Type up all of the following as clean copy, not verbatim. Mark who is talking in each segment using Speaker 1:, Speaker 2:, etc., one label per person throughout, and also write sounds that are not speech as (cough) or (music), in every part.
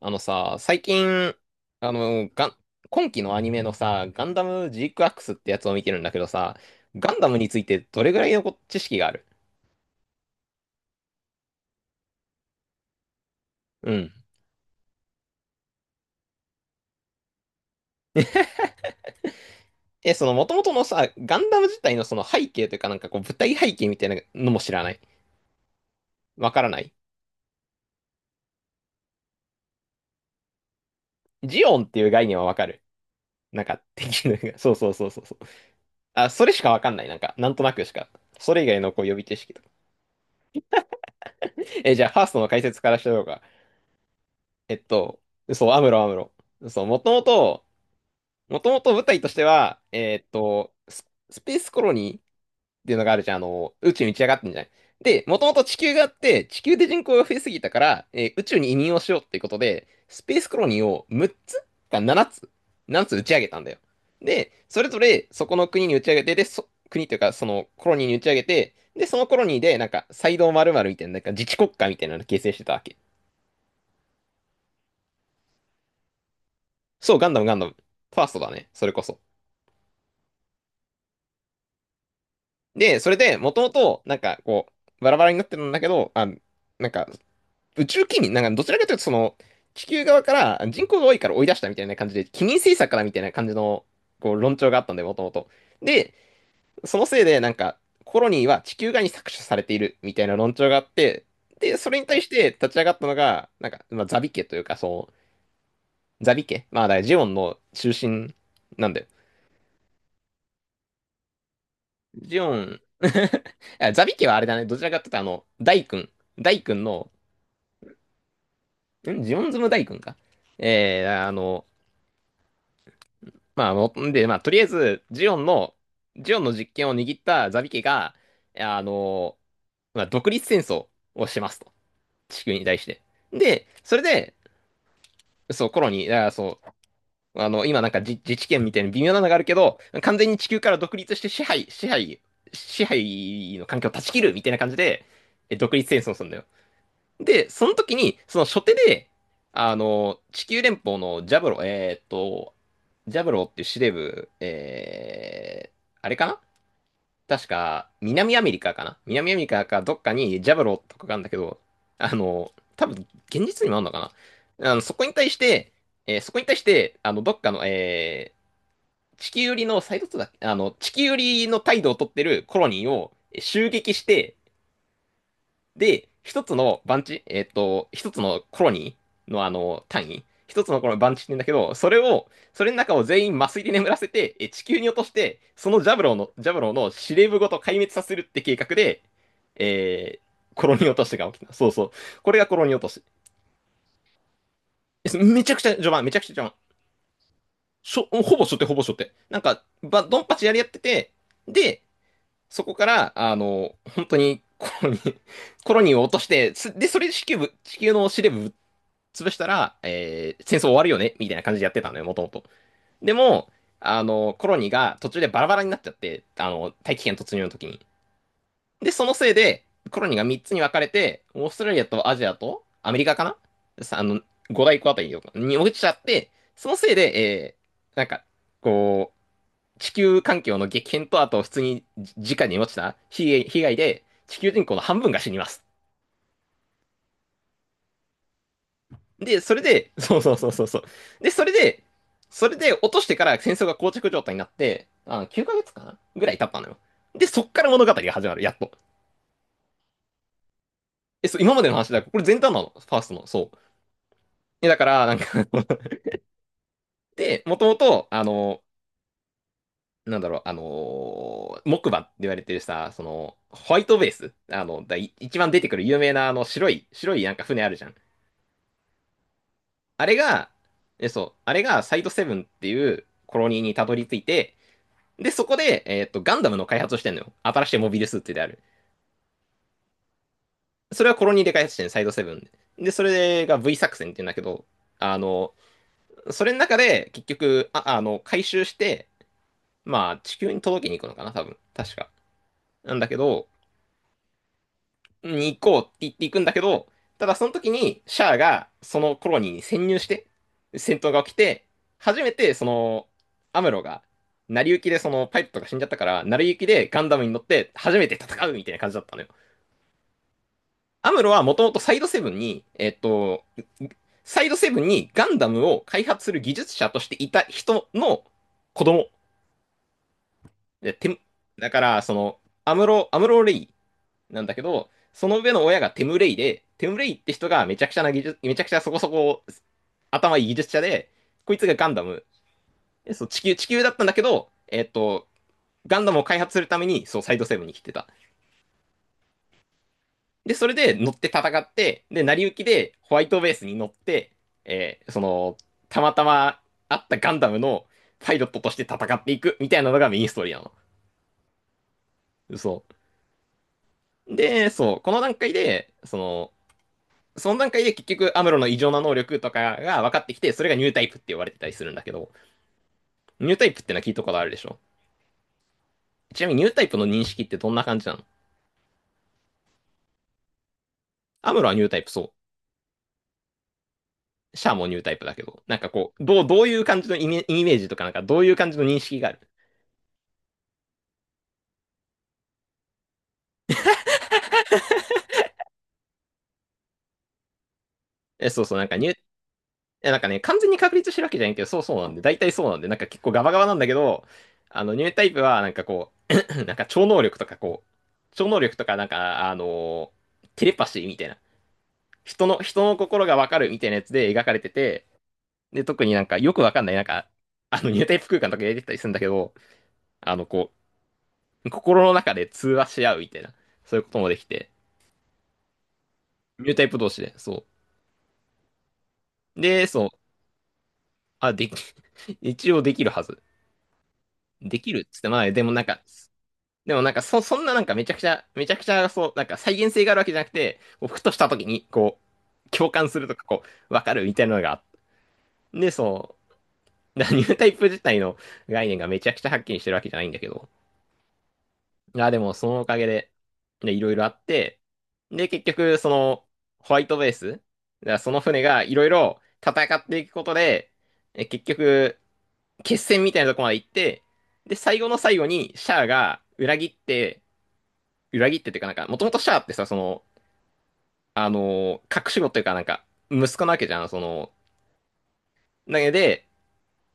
Speaker 1: あのさ、最近、あの、ガン、今期のアニメのさ、ガンダムジークアクスってやつを見てるんだけどさ、ガンダムについてどれぐらいの知識がある？うん。え、その元々のさ、ガンダム自体のその背景というかなんかこう舞台背景みたいなのも知らない？わからない？ジオンっていう概念はわかる？なんか敵の、(laughs) そうそうそうそうそう。あ、それしかわかんない。なんか、なんとなくしか。それ以外のこう予備知識とか。(laughs) え、じゃあファーストの解説からしてようか。えっと、そう、アムロアムロ。そう、もともと舞台としては、スペースコロニーっていうのがあるじゃん。宇宙に打ち上がってんじゃない？で、もともと地球があって、地球で人口が増えすぎたから、宇宙に移民をしようっていうことで、スペースコロニーを6つか7つ 打ち上げたんだよ。で、それぞれそこの国に打ち上げて、で、国というかそのコロニーに打ち上げて、で、そのコロニーでなんか、サイド〇〇みたいな、なんか自治国家みたいなのを形成してたわけ。そう、ガンダムガンダム。ファーストだね。それこそ。で、それで、もともと、なんか、こう、バラバラになってるんだけど、あ、なんか、宇宙機民、なんか、どちらかというと、その、地球側から人口が多いから追い出したみたいな感じで、機民政策からみたいな感じの、こう、論調があったんで、もともと。で、そのせいで、なんか、コロニーは地球側に搾取されているみたいな論調があって、で、それに対して立ち上がったのが、なんか、まあ、ザビ家というか、そう、ザビ家、まあ、だからジオンの中心なんで、ジオン。(laughs) あ、ザビ家はあれだね。どちらかって言ったら、大君。大君の、ジオンズム大君か。えー、あの、まあ、もんで、まあ、とりあえず、ジオンの実権を握ったザビ家が、あの、まあ、独立戦争をしますと。地球に対して。で、それで、そう、コロニー、だからそう、今なんか自治権みたいな微妙なのがあるけど、完全に地球から独立して支配の環境を断ち切るみたいな感じで、独立戦争をするんだよ。で、その時に、その初手で、地球連邦のジャブロっていう司令部、あれかな？確か、南アメリカかどっかにジャブロとかがあるんだけど、多分、現実にもあるのかな？そこに対して、どっかの、地球寄りの、サイドツーだっけ？地球寄りの態度をとってるコロニーを襲撃して、で、一つの番地、一つのコロニーのあの単位、一つのこの番地って言うんだけど、それの中を全員麻酔で眠らせて、地球に落として、そのジャブローの司令部ごと壊滅させるって計画で、えコロニー落としが起きた。そうそう。これがコロニー落とし。めちゃくちゃ序盤、めちゃくちゃ序盤。しょほぼしょってほぼしょってなんか、ドンパチやり合ってて、で、そこから、本当に、コロニーを落として、それで地球の司令部ぶっ潰したら、戦争終わるよねみたいな感じでやってたのよ、もともと。でも、コロニーが途中でバラバラになっちゃって、大気圏突入の時に。で、そのせいで、コロニーが3つに分かれて、オーストラリアとアジアとアメリカかな？五大湖あたりに落ちちゃって、そのせいで、なんか、こう、地球環境の激変と、あと普通に直に落ちた被害で、地球人口の半分が死にます。で、それで、(laughs) そうそうそうそうそう。で、それで、それで落としてから戦争が膠着状態になって、9ヶ月かげつかなぐらい経ったのよ。で、そっから物語が始まる、やっと。え、そう、今までの話だから、これ前段なの、ファーストの、そう。え、だから、なんか (laughs) で、もともと、なんだろう、あのー木馬って言われてるさ、その、ホワイトベース、一番出てくる有名なあの白いなんか船あるじゃん。あれが、そう、あれがサイドセブンっていうコロニーにたどり着いて、で、そこで、ガンダムの開発をしてんのよ。新しいモビルスーツである。それはコロニーで開発してんの？サイドセブンで。で、それが V 作戦って言うんだけど、あの、それの中で、結局、回収して、まあ、地球に届けに行くのかな、多分。確か。なんだけど、に行こうって言って行くんだけど、ただその時に、シャアが、そのコロニーに潜入して、戦闘が起きて、初めて、その、アムロが、成り行きでそのパイプとか死んじゃったから、成り行きでガンダムに乗って初めて戦うみたいな感じだったのよ。アムロはもともとサイドセブンにガンダムを開発する技術者としていた人の子供。でだから、その、アムロレイなんだけど、その上の親がテムレイで、テムレイって人がめちゃくちゃそこそこ頭いい技術者で、こいつがガンダム、そう地球だったんだけど、ガンダムを開発するために、そう、サイドセブンに来てた。で、それで乗って戦って、で、成り行きでホワイトベースに乗って、その、たまたま会ったガンダムのパイロットとして戦っていくみたいなのがメインストーリーなの。そう。で、そう、この段階で、その、その段階で結局アムロの異常な能力とかが分かってきて、それがニュータイプって言われてたりするんだけど、ニュータイプってのは聞いたことあるでしょ？ちなみにニュータイプの認識ってどんな感じなの？アムロはニュータイプ、そう。シャアもニュータイプだけど、なんかこう、どういう感じのイメージとか、なんかどういう感じの認識がある？え、そうそう、なんかニューや、なんかね、完全に確立してるわけじゃないけど、そうそうなんで、大体そうなんで、なんか結構ガバガバなんだけど、あの、ニュータイプは、なんかこう、(clears throat) 超能力とか、なんか、テレパシーみたいな、人の心がわかるみたいなやつで描かれてて、で、特になんかよくわかんない、なんか、あの、ニュータイプ空間とか入れてたりするんだけど、あの、こう、心の中で通話し合うみたいな、そういうこともできて、ニュータイプ同士で、そう。で、そう、あ、でき、(laughs) 一応できるはず。できるっつってもない。でもなんか、そんななんかめちゃくちゃそう、なんか再現性があるわけじゃなくて、こうふとした時にこう、共感するとかこう、わかるみたいなのがあって、で、そう、だからニュータイプ自体の概念がめちゃくちゃはっきりしてるわけじゃないんだけど、いや、でもそのおかげで、で、いろいろあって、で、結局、その、ホワイトベース、だからその船がいろいろ戦っていくことで、結局、決戦みたいなとこまで行って、で、最後の最後にシャアが裏切って、裏切ってっていうか、なんか、もともとシャアってさ、その、隠し子っていうか、なんか、息子なわけじゃん、その、だけで、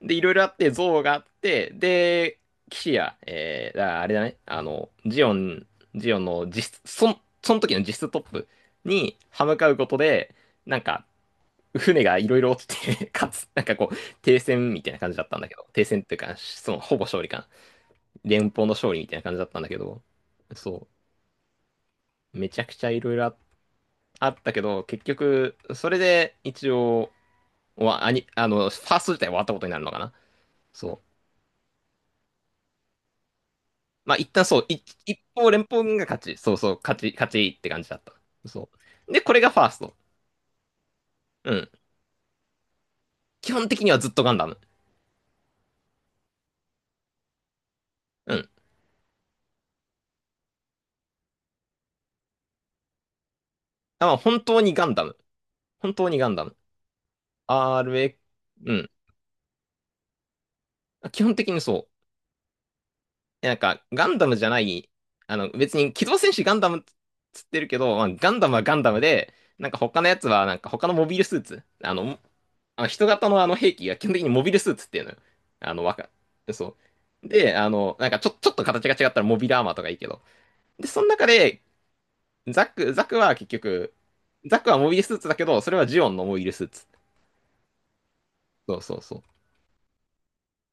Speaker 1: で、いろいろあって、憎悪があって、で、騎士や、だからあれだね、あの、ジオンの実質、その時の実質トップに歯向かうことで、なんか、船がいろいろ落ちて、(laughs) かつ、なんかこう、停戦みたいな感じだったんだけど、停戦っていうか、その、ほぼ勝利かな。連邦の勝利みたいな感じだったんだけど、そう、めちゃくちゃいろいろあったけど、結局、それで一応、わアニあの、ファースト自体終わったことになるのかな。そう。まあ、一旦そう、一方連邦軍が勝ち。そうそう、勝ち、勝ちって感じだった。そう。で、これがファースト。うん。基本的にはずっとガンダム。うん。あ、本当にガンダム。本当にガンダム。RX、うん。基本的にそう。なんか、ガンダムじゃない、あの、別に、機動戦士ガンダムっつってるけど、まあ、ガンダムはガンダムで、なんか他のやつは、なんか他のモビルスーツ、あの、あの人型のあの兵器が基本的にモビルスーツっていうのよ。あの、そう。で、あの、なんかちょっと形が違ったらモビルアーマーとかいいけど。で、その中で、ザクは結局、ザクはモビルスーツだけど、それはジオンのモビルスーツ。そうそうそう。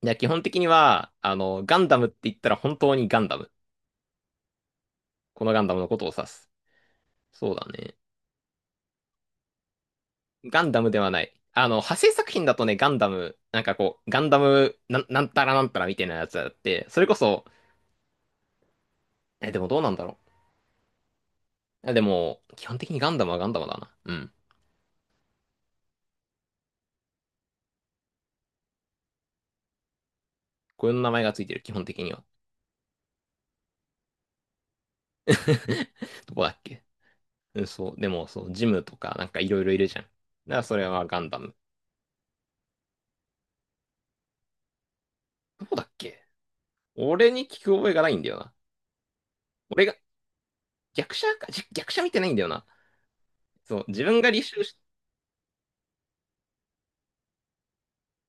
Speaker 1: いや、基本的には、あの、ガンダムって言ったら本当にガンダム。このガンダムのことを指す。そうだね。ガンダムではない。あの、派生作品だとね、ガンダム、なんかこう、ガンダムなんたらなんたらみたいなやつだって、それこそ、え、でもどうなんだろう。え、でも、基本的にガンダムはガンダムだな。うん。こういう名前がついてる、基本的には。(laughs) どこだっけ？うん、そう。でも、そう、ジムとか、なんかいろいろいるじゃん。だからそれはガンダム。どこだっけ？俺に聞く覚えがないんだよな。俺が、逆者か、逆者見てないんだよな。そう、自分が履修し、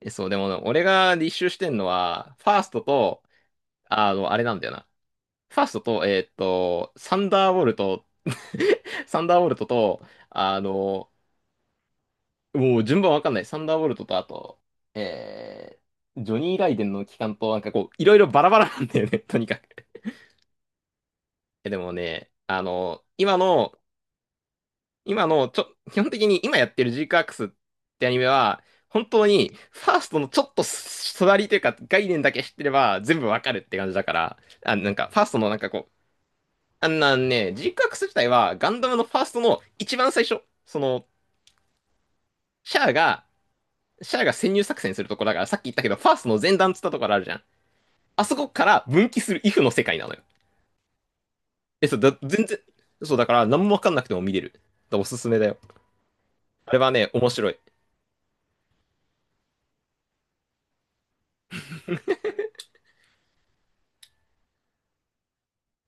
Speaker 1: そう、でも、俺が履修してんのは、ファーストと、あの、あれなんだよな。ファーストと、サンダーボルト、(laughs) サンダーボルトと、あの、もう順番わかんない。サンダーボルトと、あと、えジョニー・ライデンの期間と、なんかこう、いろいろバラバラなんだよね、(laughs) とにかく。でもね、あの、今の、今の、ちょ、基本的に今やってるジークアクスってアニメは、本当に、ファーストのちょっと隣というか、概念だけ知ってれば、全部わかるって感じだから、あ、なんか、ファーストのなんかこう、あんなんね、ジークアクス自体はガンダムのファーストの一番最初、その、シャアが、シャアが潜入作戦するところだから、さっき言ったけど、ファーストの前段っつったところあるじゃん。あそこから分岐するイフの世界なのよ。え、そう、だ、全然、そう、だから何もわかんなくても見れる。だからおすすめだよ。あれはね、面白い。